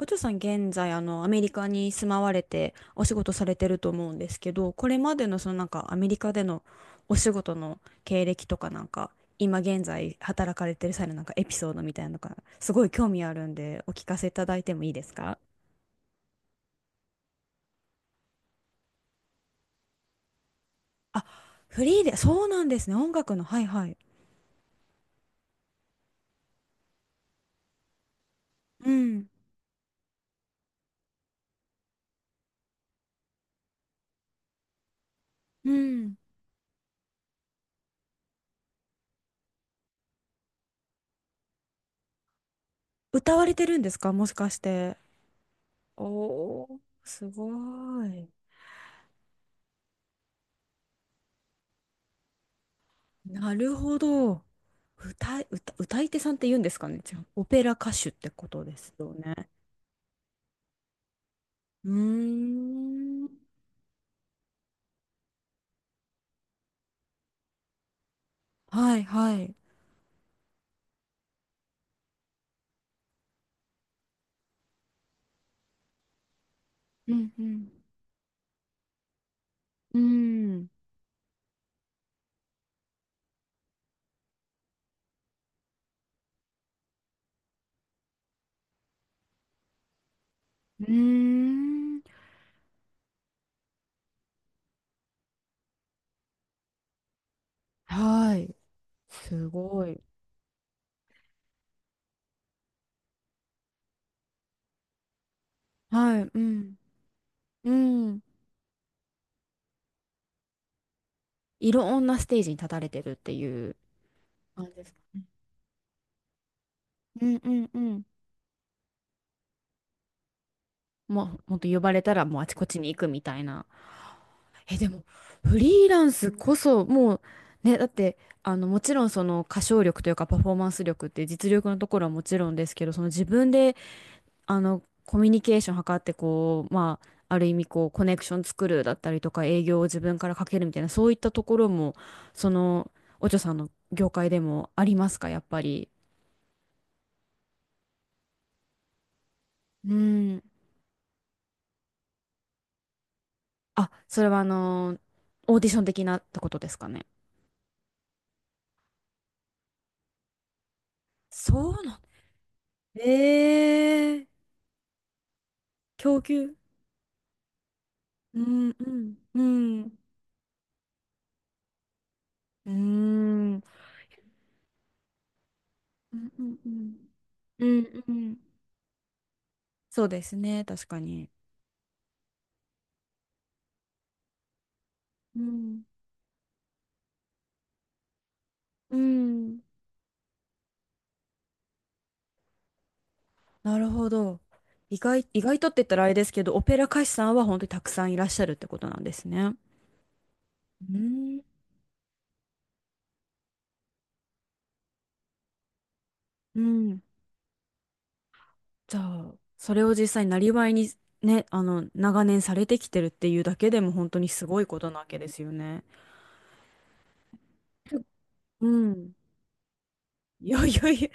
お嬢さん、現在、アメリカに住まわれてお仕事されてると思うんですけど、これまでのそのなんかアメリカでのお仕事の経歴とかなんか、今現在働かれてる際のなんかエピソードみたいなのが、すごい興味あるんで、お聞かせいただいてもいいですか？あ、フリーで、そうなんですね。音楽の、はいはい。うん、うん。歌われてるんですかもしかして。おー、すごい。なるほど。歌い手さんって言うんですかね。じゃあ、オペラ歌手ってことですよね。うーん。はいはい。うんうん。うーん。うーん。はい。すごい。はい。うん。うん。いろんなステージに立たれてるっていう感じですかね。うんうんうん。もう、ほんと呼ばれたらもうあちこちに行くみたいな。え、でも、フリーランスこそ、もう、ね、だって、もちろんその歌唱力というかパフォーマンス力って実力のところはもちろんですけど、その自分で、コミュニケーション図って、こう、まあ、ある意味こう、コネクション作るだったりとか、営業を自分からかけるみたいな、そういったところも、その、お嬢さんの業界でもありますか、やっぱり？うん。あ、それはオーディション的なってことですかね。そうなん。ええー、供給。うんうんうんうんうんうんうんうんうん。そうですね、確かに。うんうん。なるほど。意外とって言ったらあれですけど、オペラ歌手さんは本当にたくさんいらっしゃるってことなんですね。うんうん。じゃあ、それを実際なりわいにね、長年されてきてるっていうだけでも本当にすごいことなわけですよね。うん。いやいやいや、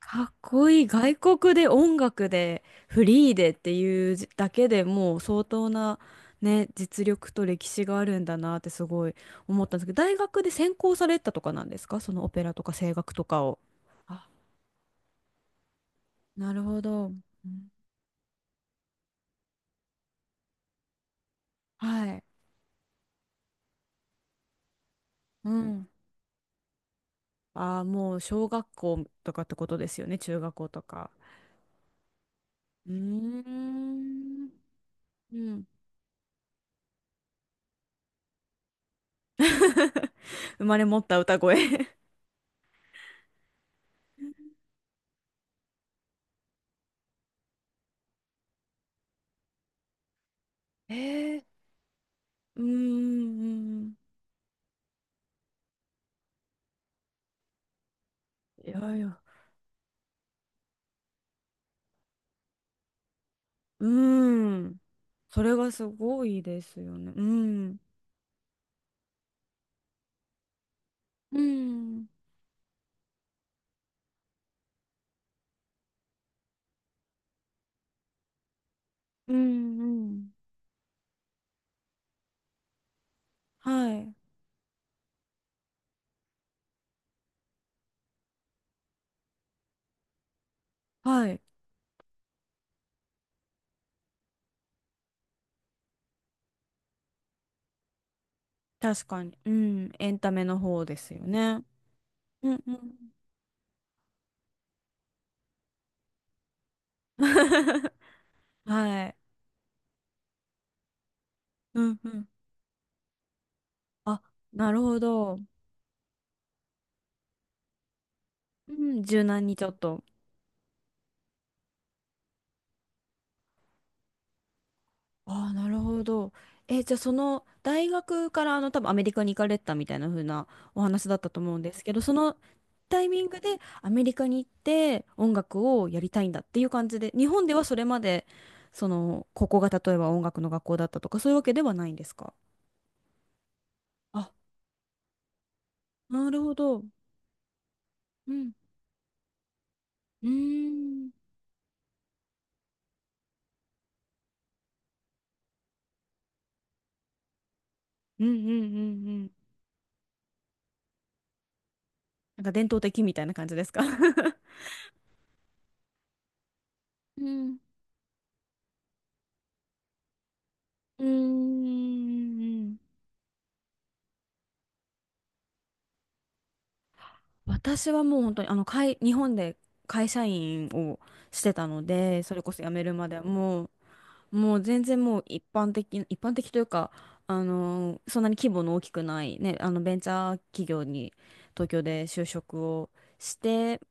かっこいい。外国で音楽でフリーでっていうだけでもう相当な、ね、実力と歴史があるんだなってすごい思ったんですけど、大学で専攻されたとかなんですか、そのオペラとか声楽とかを？あ、なるほど。うん、はい。うん。ああ、もう小学校とかってことですよね、中学校とか。うーん。うん。生まれ持った歌声。 えー、うーん。いやいや。うーん。それがすごいですよね。うん。うん。うん。うん。はい。はい。確かに。うん。エンタメの方ですよね。うんうん。はい。うんうん。あ、なるほど。うん。柔軟にちょっと。ああ、なるほど。え、じゃあその大学から多分アメリカに行かれたみたいな風なお話だったと思うんですけど、そのタイミングでアメリカに行って音楽をやりたいんだっていう感じで、日本ではそれまでそのここが例えば音楽の学校だったとか、そういうわけではないんですか？あ、なるほど。うん。うーん。うんうんうんうん。なんか伝統的みたいな感じですか？ うん。うーん。私はもう本当にあの会、日本で会社員をしてたので、それこそ辞めるまではもう、全然もう一般的というか、そんなに規模の大きくない、ね、ベンチャー企業に東京で就職をして、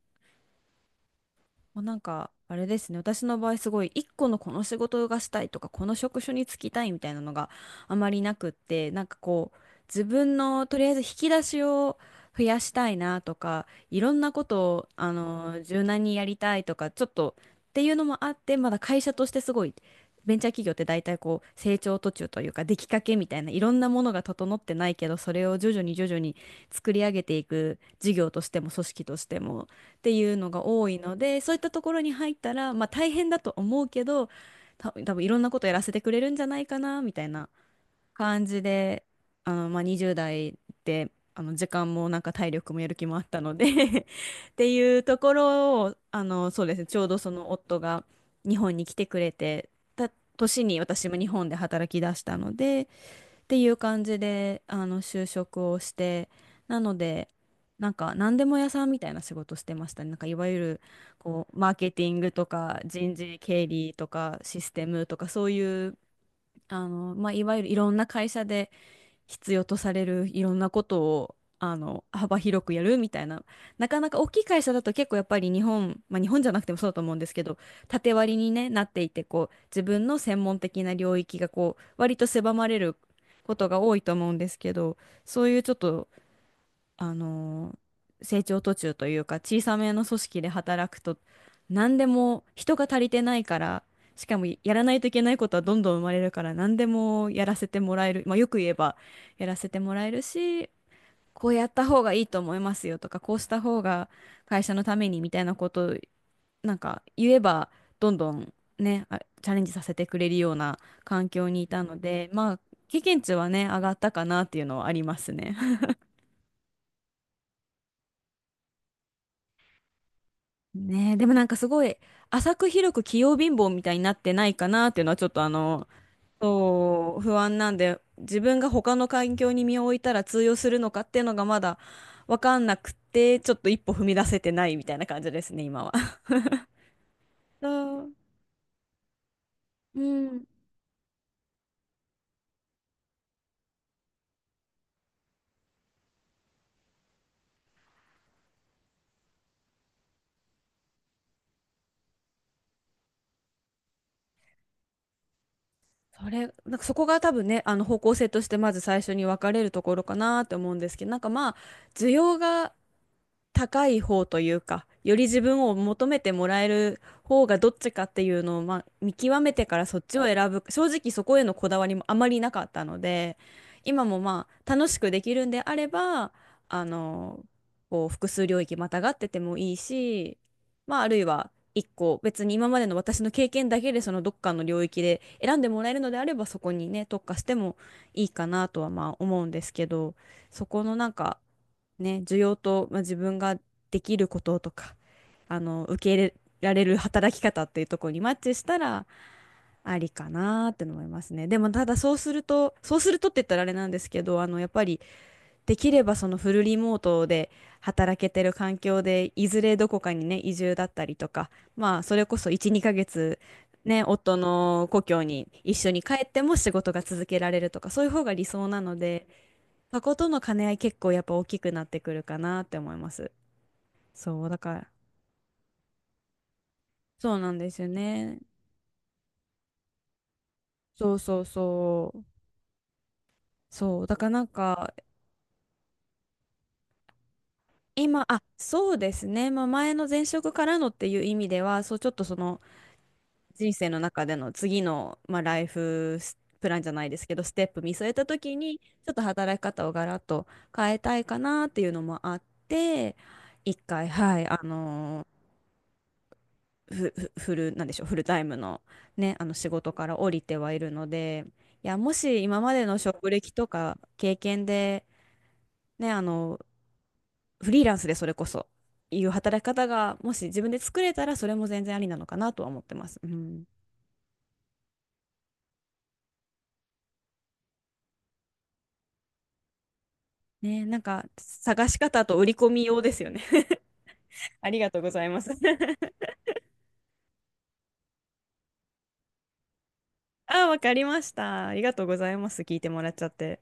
まあ、なんか、あれですね。私の場合すごい、一個のこの仕事がしたいとか、この職種に就きたいみたいなのがあまりなくって、なんかこう、自分のとりあえず引き出しを増やしたいなとか、いろんなことを、柔軟にやりたいとか、ちょっとっていうのもあって、まだ会社としてすごい、ベンチャー企業って大体こう、成長途中というか、出来かけみたいな、いろんなものが整ってないけど、それを徐々に徐々に作り上げていく事業としても組織としても。っていうのが多いので、そういったところに入ったら、まあ大変だと思うけど、多分いろんなことやらせてくれるんじゃないかなみたいな感じで、まあ20代で、時間もなんか体力もやる気もあったので。 っていうところを、そうですね、ちょうどその夫が日本に来てくれてた年に私も日本で働き出したので、っていう感じで、就職をして、なので、なんか、何でも屋さんみたいな仕事してましたね。なんか、いわゆる、こう、マーケティングとか、人事、経理とか、システムとか、そういう、まあ、いわゆるいろんな会社で必要とされるいろんなことを幅広くやるみたいな。なかなか大きい会社だと結構やっぱり日本、まあ、日本じゃなくてもそうだと思うんですけど、縦割りに、ね、なっていて、こう自分の専門的な領域がこう割と狭まれることが多いと思うんですけど、そういうちょっとあの成長途中というか小さめの組織で働くと、何でも人が足りてないから、しかもやらないといけないことはどんどん生まれるから、何でもやらせてもらえる、まあ、よく言えばやらせてもらえるし、こうやった方がいいと思いますよとか、こうした方が会社のためにみたいなことをなんか言えば、どんどんね、チャレンジさせてくれるような環境にいたので、まあ経験値はね、上がったかなっていうのはありますね。ねえ、でもなんかすごい浅く広く器用貧乏みたいになってないかなっていうのはちょっとそう不安なんで、自分が他の環境に身を置いたら通用するのかっていうのがまだわかんなくて、ちょっと一歩踏み出せてないみたいな感じですね、今は。そう、うん。それ、なんかそこが多分ね、方向性としてまず最初に分かれるところかなって思うんですけど、なんかまあ、需要が高い方というか、より自分を求めてもらえる方がどっちかっていうのを、まあ、見極めてからそっちを選ぶ。正直そこへのこだわりもあまりなかったので、今もまあ楽しくできるんであれば、あの、こう複数領域またがっててもいいし、まああるいは一個別に今までの私の経験だけでそのどっかの領域で選んでもらえるのであればそこにね、特化してもいいかなとはまあ思うんですけど、そこのなんかね、需要と、まあ、自分ができることとか、受け入れられる働き方っていうところにマッチしたら、ありかなーって思いますね。でも、ただそうするとって言ったらあれなんですけど、やっぱり、できればそのフルリモートで働けてる環境で、いずれどこかにね、移住だったりとか、まあ、それこそ1、2ヶ月、ね、夫の故郷に一緒に帰っても仕事が続けられるとか、そういう方が理想なので、そことの兼ね合い結構やっぱ大きくなってくるかなって思います。そう、だから、そうなんですよね。そうそうそう。そう、だからなんか、今、あ、そうですね。まあ、前の前職からのっていう意味では、そう、ちょっとその人生の中での次の、まあ、ライフスプランじゃないですけど、ステップ見据えた時に、ちょっと働き方をガラッと変えたいかなっていうのもあって、一回、はい、あのーふふフル、なんでしょう、フルタイムのね、仕事から降りてはいるので、いや、もし今までの職歴とか経験で、ね、フリーランスでそれこそ、いう働き方が、もし自分で作れたら、それも全然ありなのかなとは思ってます。うん。ね、なんか、探し方と売り込み用ですよね。ありがとうございます。あ、わかりました。ありがとうございます。聞いてもらっちゃって。